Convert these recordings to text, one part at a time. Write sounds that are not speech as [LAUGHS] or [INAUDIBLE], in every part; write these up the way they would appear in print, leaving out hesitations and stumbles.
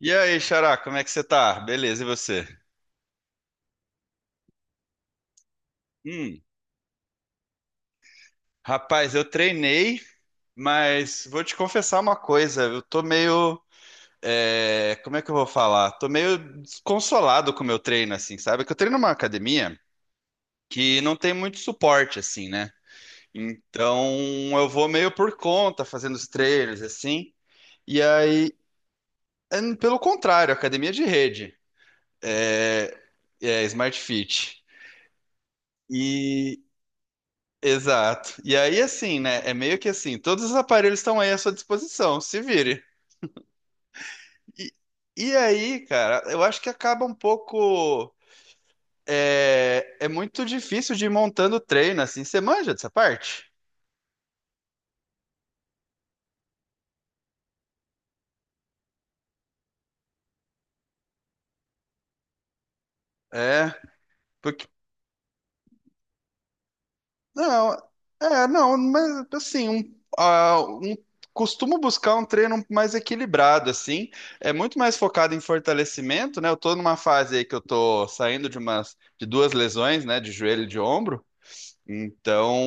E aí, Xará, como é que você tá? Beleza, e você? Hum, rapaz, eu treinei, mas vou te confessar uma coisa, eu tô meio, como é que eu vou falar? Tô meio desconsolado com o meu treino, assim, sabe? Que eu treino numa academia que não tem muito suporte, assim, né? Então, eu vou meio por conta, fazendo os treinos, assim, e aí, pelo contrário, academia de rede, é, é Smart Fit. Exato. E aí, assim, né? É meio que assim, todos os aparelhos estão aí à sua disposição, se vire. E, e aí, cara, eu acho que acaba um pouco. É muito difícil de ir montando treino, assim. Você manja dessa parte? É, porque. Não, não, mas assim, costumo buscar um treino mais equilibrado, assim. É muito mais focado em fortalecimento, né? Eu tô numa fase aí que eu tô saindo de duas lesões, né? De joelho e de ombro. Então,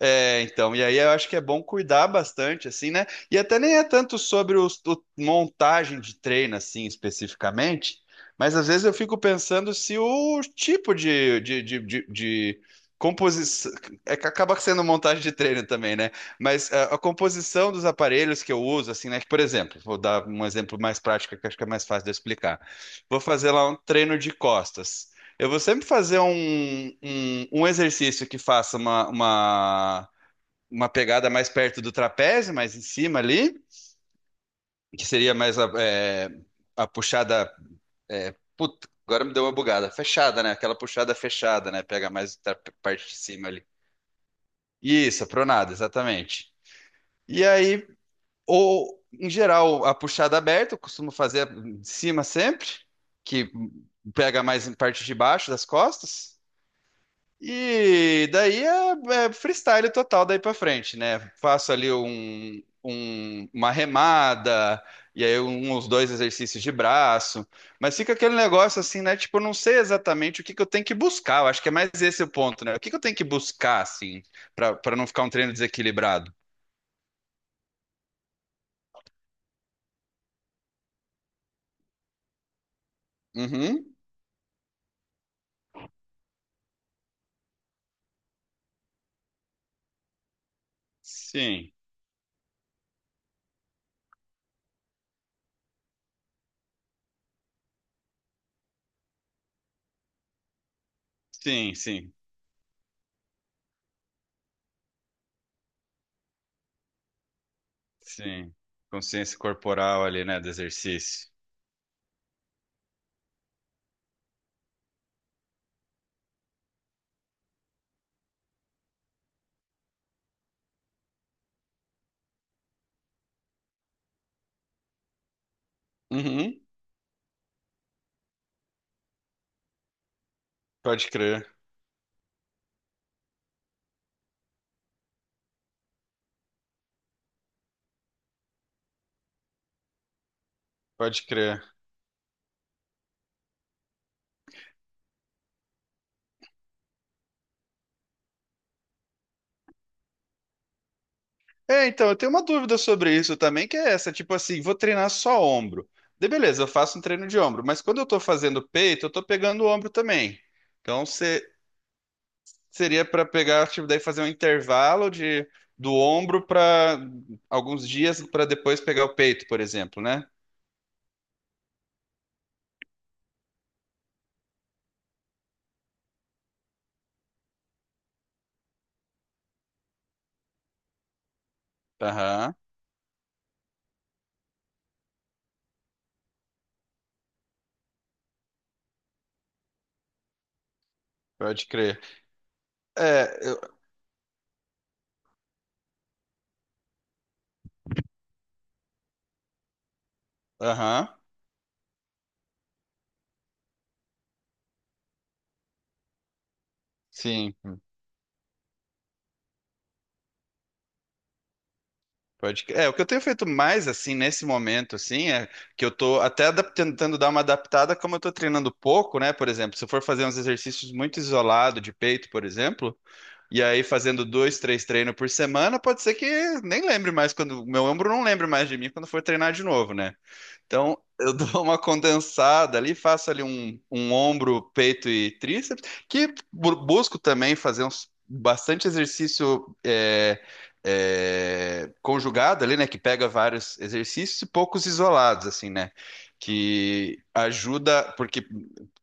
e aí eu acho que é bom cuidar bastante, assim, né? E até nem é tanto sobre o, montagem de treino, assim, especificamente, mas às vezes eu fico pensando se o tipo de composição. É que acaba sendo montagem de treino também, né? Mas a composição dos aparelhos que eu uso, assim, né? Que, por exemplo, vou dar um exemplo mais prático que eu acho que é mais fácil de eu explicar. Vou fazer lá um treino de costas. Eu vou sempre fazer um exercício que faça uma pegada mais perto do trapézio, mais em cima ali, que seria mais a puxada. É, puta, agora me deu uma bugada. Fechada, né? Aquela puxada fechada, né? Pega mais a parte de cima ali. Isso, a pronada, exatamente. E aí, ou em geral, a puxada aberta, eu costumo fazer de cima sempre, que pega mais em parte de baixo das costas. E daí é freestyle total daí pra frente, né? Faço ali uma remada, e aí um, uns dois exercícios de braço, mas fica aquele negócio assim, né? Tipo, eu não sei exatamente o que que eu tenho que buscar, eu acho que é mais esse o ponto, né? O que que eu tenho que buscar, assim, pra não ficar um treino desequilibrado? Uhum. Sim, sim, sim, sim. Consciência corporal ali, né, do exercício. Uhum. Pode crer, pode crer. É, então, eu tenho uma dúvida sobre isso também, que é essa, tipo assim, vou treinar só ombro. De beleza, eu faço um treino de ombro, mas quando eu tô fazendo peito, eu tô pegando o ombro também. Então, seria pra pegar, tipo, daí fazer um intervalo de do ombro pra alguns dias pra depois pegar o peito, por exemplo, né? Aham, pode crer. É, eu- aham, sim. Pode crer. É, o que eu tenho feito mais, assim, nesse momento, assim, é que eu tô tentando dar uma adaptada, como eu tô treinando pouco, né? Por exemplo, se eu for fazer uns exercícios muito isolado de peito, por exemplo, e aí fazendo dois, três treinos por semana, pode ser que nem lembre mais quando... Meu ombro não lembre mais de mim quando for treinar de novo, né? Então, eu [LAUGHS] dou uma condensada ali, faço ali um ombro, peito e tríceps, que busco também fazer uns, bastante exercício conjugado ali, né? Que pega vários exercícios e poucos isolados, assim, né? Que ajuda, porque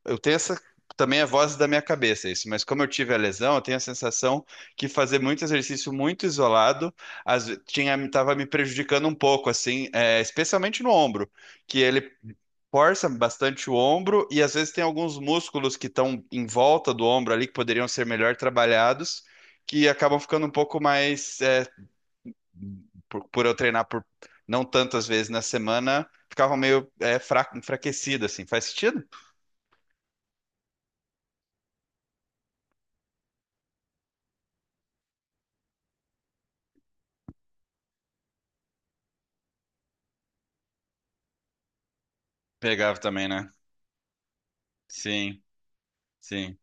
eu tenho essa. Também é voz da minha cabeça isso, mas como eu tive a lesão, eu tenho a sensação que fazer muito exercício muito isolado estava me prejudicando um pouco, assim, especialmente no ombro que ele força bastante o ombro e às vezes tem alguns músculos que estão em volta do ombro ali que poderiam ser melhor trabalhados, que acabam ficando um pouco mais por eu treinar por não tantas vezes na semana, ficavam meio fraco, enfraquecido assim. Faz sentido? Pegava também, né? Sim, sim.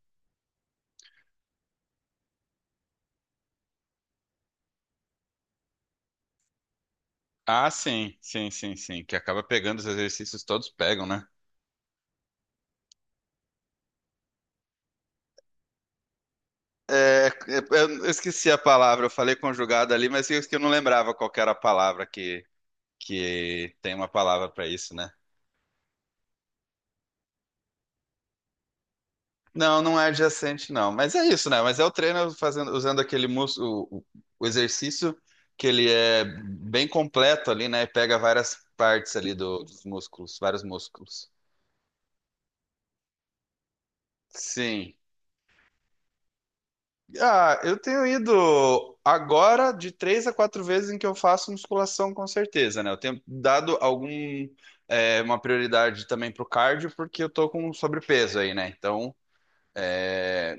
Ah, sim, sim, sim, sim. Que acaba pegando os exercícios todos pegam, né? É, eu esqueci a palavra, eu falei conjugado ali, mas eu não lembrava qual que era a palavra que tem uma palavra para isso, né? Não, não é adjacente, não. Mas é isso, né? Mas é o treino fazendo, usando aquele músculo, o exercício que ele é bem completo ali, né? E pega várias partes ali dos músculos, vários músculos. Sim. Ah, eu tenho ido agora de três a quatro vezes em que eu faço musculação, com certeza, né? Eu tenho dado algum, uma prioridade também pro cardio, porque eu tô com sobrepeso aí, né? Então, é,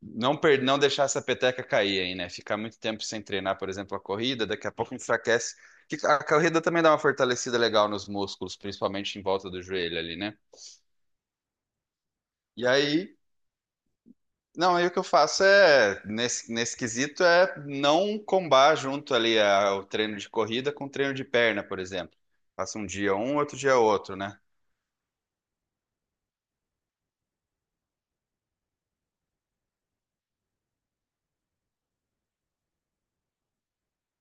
não deixar essa peteca cair aí, né? Ficar muito tempo sem treinar, por exemplo, a corrida, daqui a pouco enfraquece. Que a corrida também dá uma fortalecida legal nos músculos, principalmente em volta do joelho ali, né? E aí, não, aí o que eu faço é, nesse, nesse quesito, é não combar junto ali o treino de corrida com o treino de perna, por exemplo. Faço um dia um, outro dia outro, né?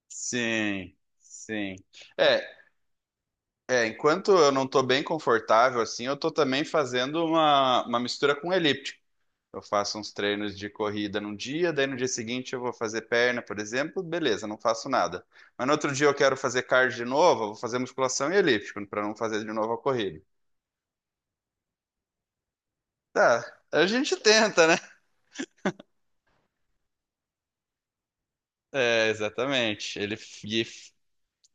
Sim, sim. É, é, enquanto eu não estou bem confortável assim, eu estou também fazendo uma mistura com elíptico. Eu faço uns treinos de corrida num dia, daí no dia seguinte eu vou fazer perna, por exemplo, beleza, não faço nada. Mas no outro dia eu quero fazer cardio de novo, eu vou fazer musculação e elíptico, para não fazer de novo a corrida. Tá, a gente tenta, né? [LAUGHS] É, exatamente. Ele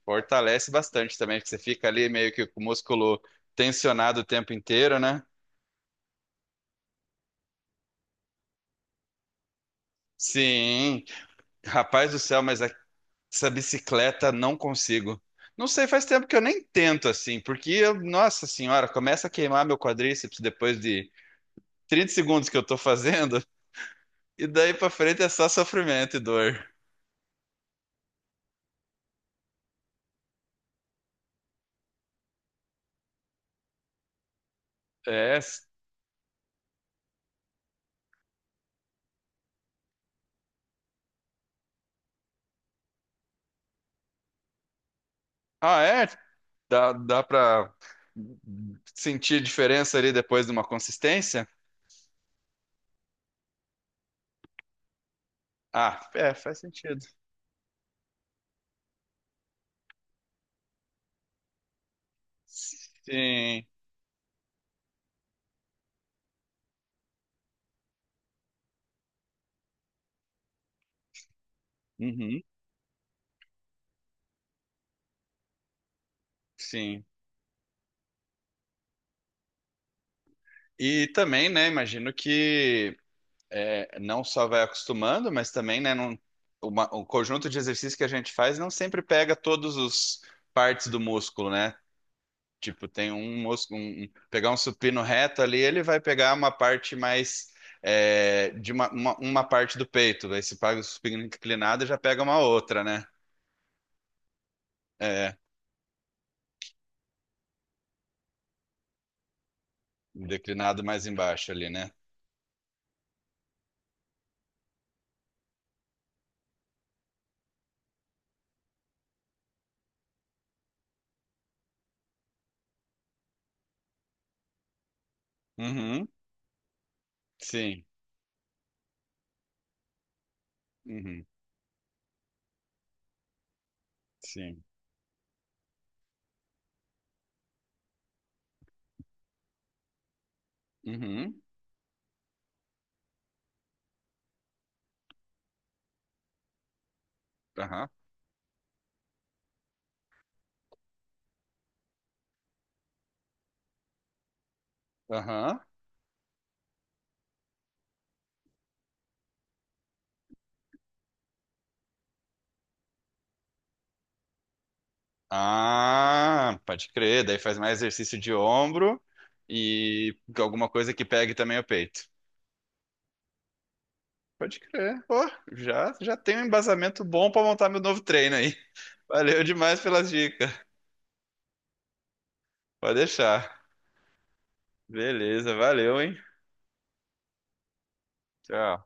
fortalece bastante também, porque você fica ali meio que com o músculo tensionado o tempo inteiro, né? Sim, rapaz do céu, mas essa bicicleta não consigo. Não sei, faz tempo que eu nem tento assim, porque, nossa senhora, começa a queimar meu quadríceps depois de 30 segundos que eu tô fazendo, e daí pra frente é só sofrimento e dor. É. Ah, é? Dá, dá pra sentir diferença ali depois de uma consistência? Ah, é, faz sentido. Sim. Uhum, sim. E também, né, imagino que não só vai acostumando, mas também, né, não, uma, o conjunto de exercícios que a gente faz não sempre pega todos os partes do músculo, né? Tipo, tem um músculo, pegar um supino reto ali, ele vai pegar uma parte mais uma parte do peito. Aí se paga o supino inclinado, já pega uma outra, né? É, um declinado mais embaixo ali, né? Uhum, sim. Uhum, sim. Uhum, aham, aham. Ah, pode crer. Daí faz mais exercício de ombro e alguma coisa que pegue também o peito. Pode crer. Pô, já, já tem um embasamento bom pra montar meu novo treino aí. Valeu demais pelas dicas. Pode deixar. Beleza, valeu, hein? Tchau.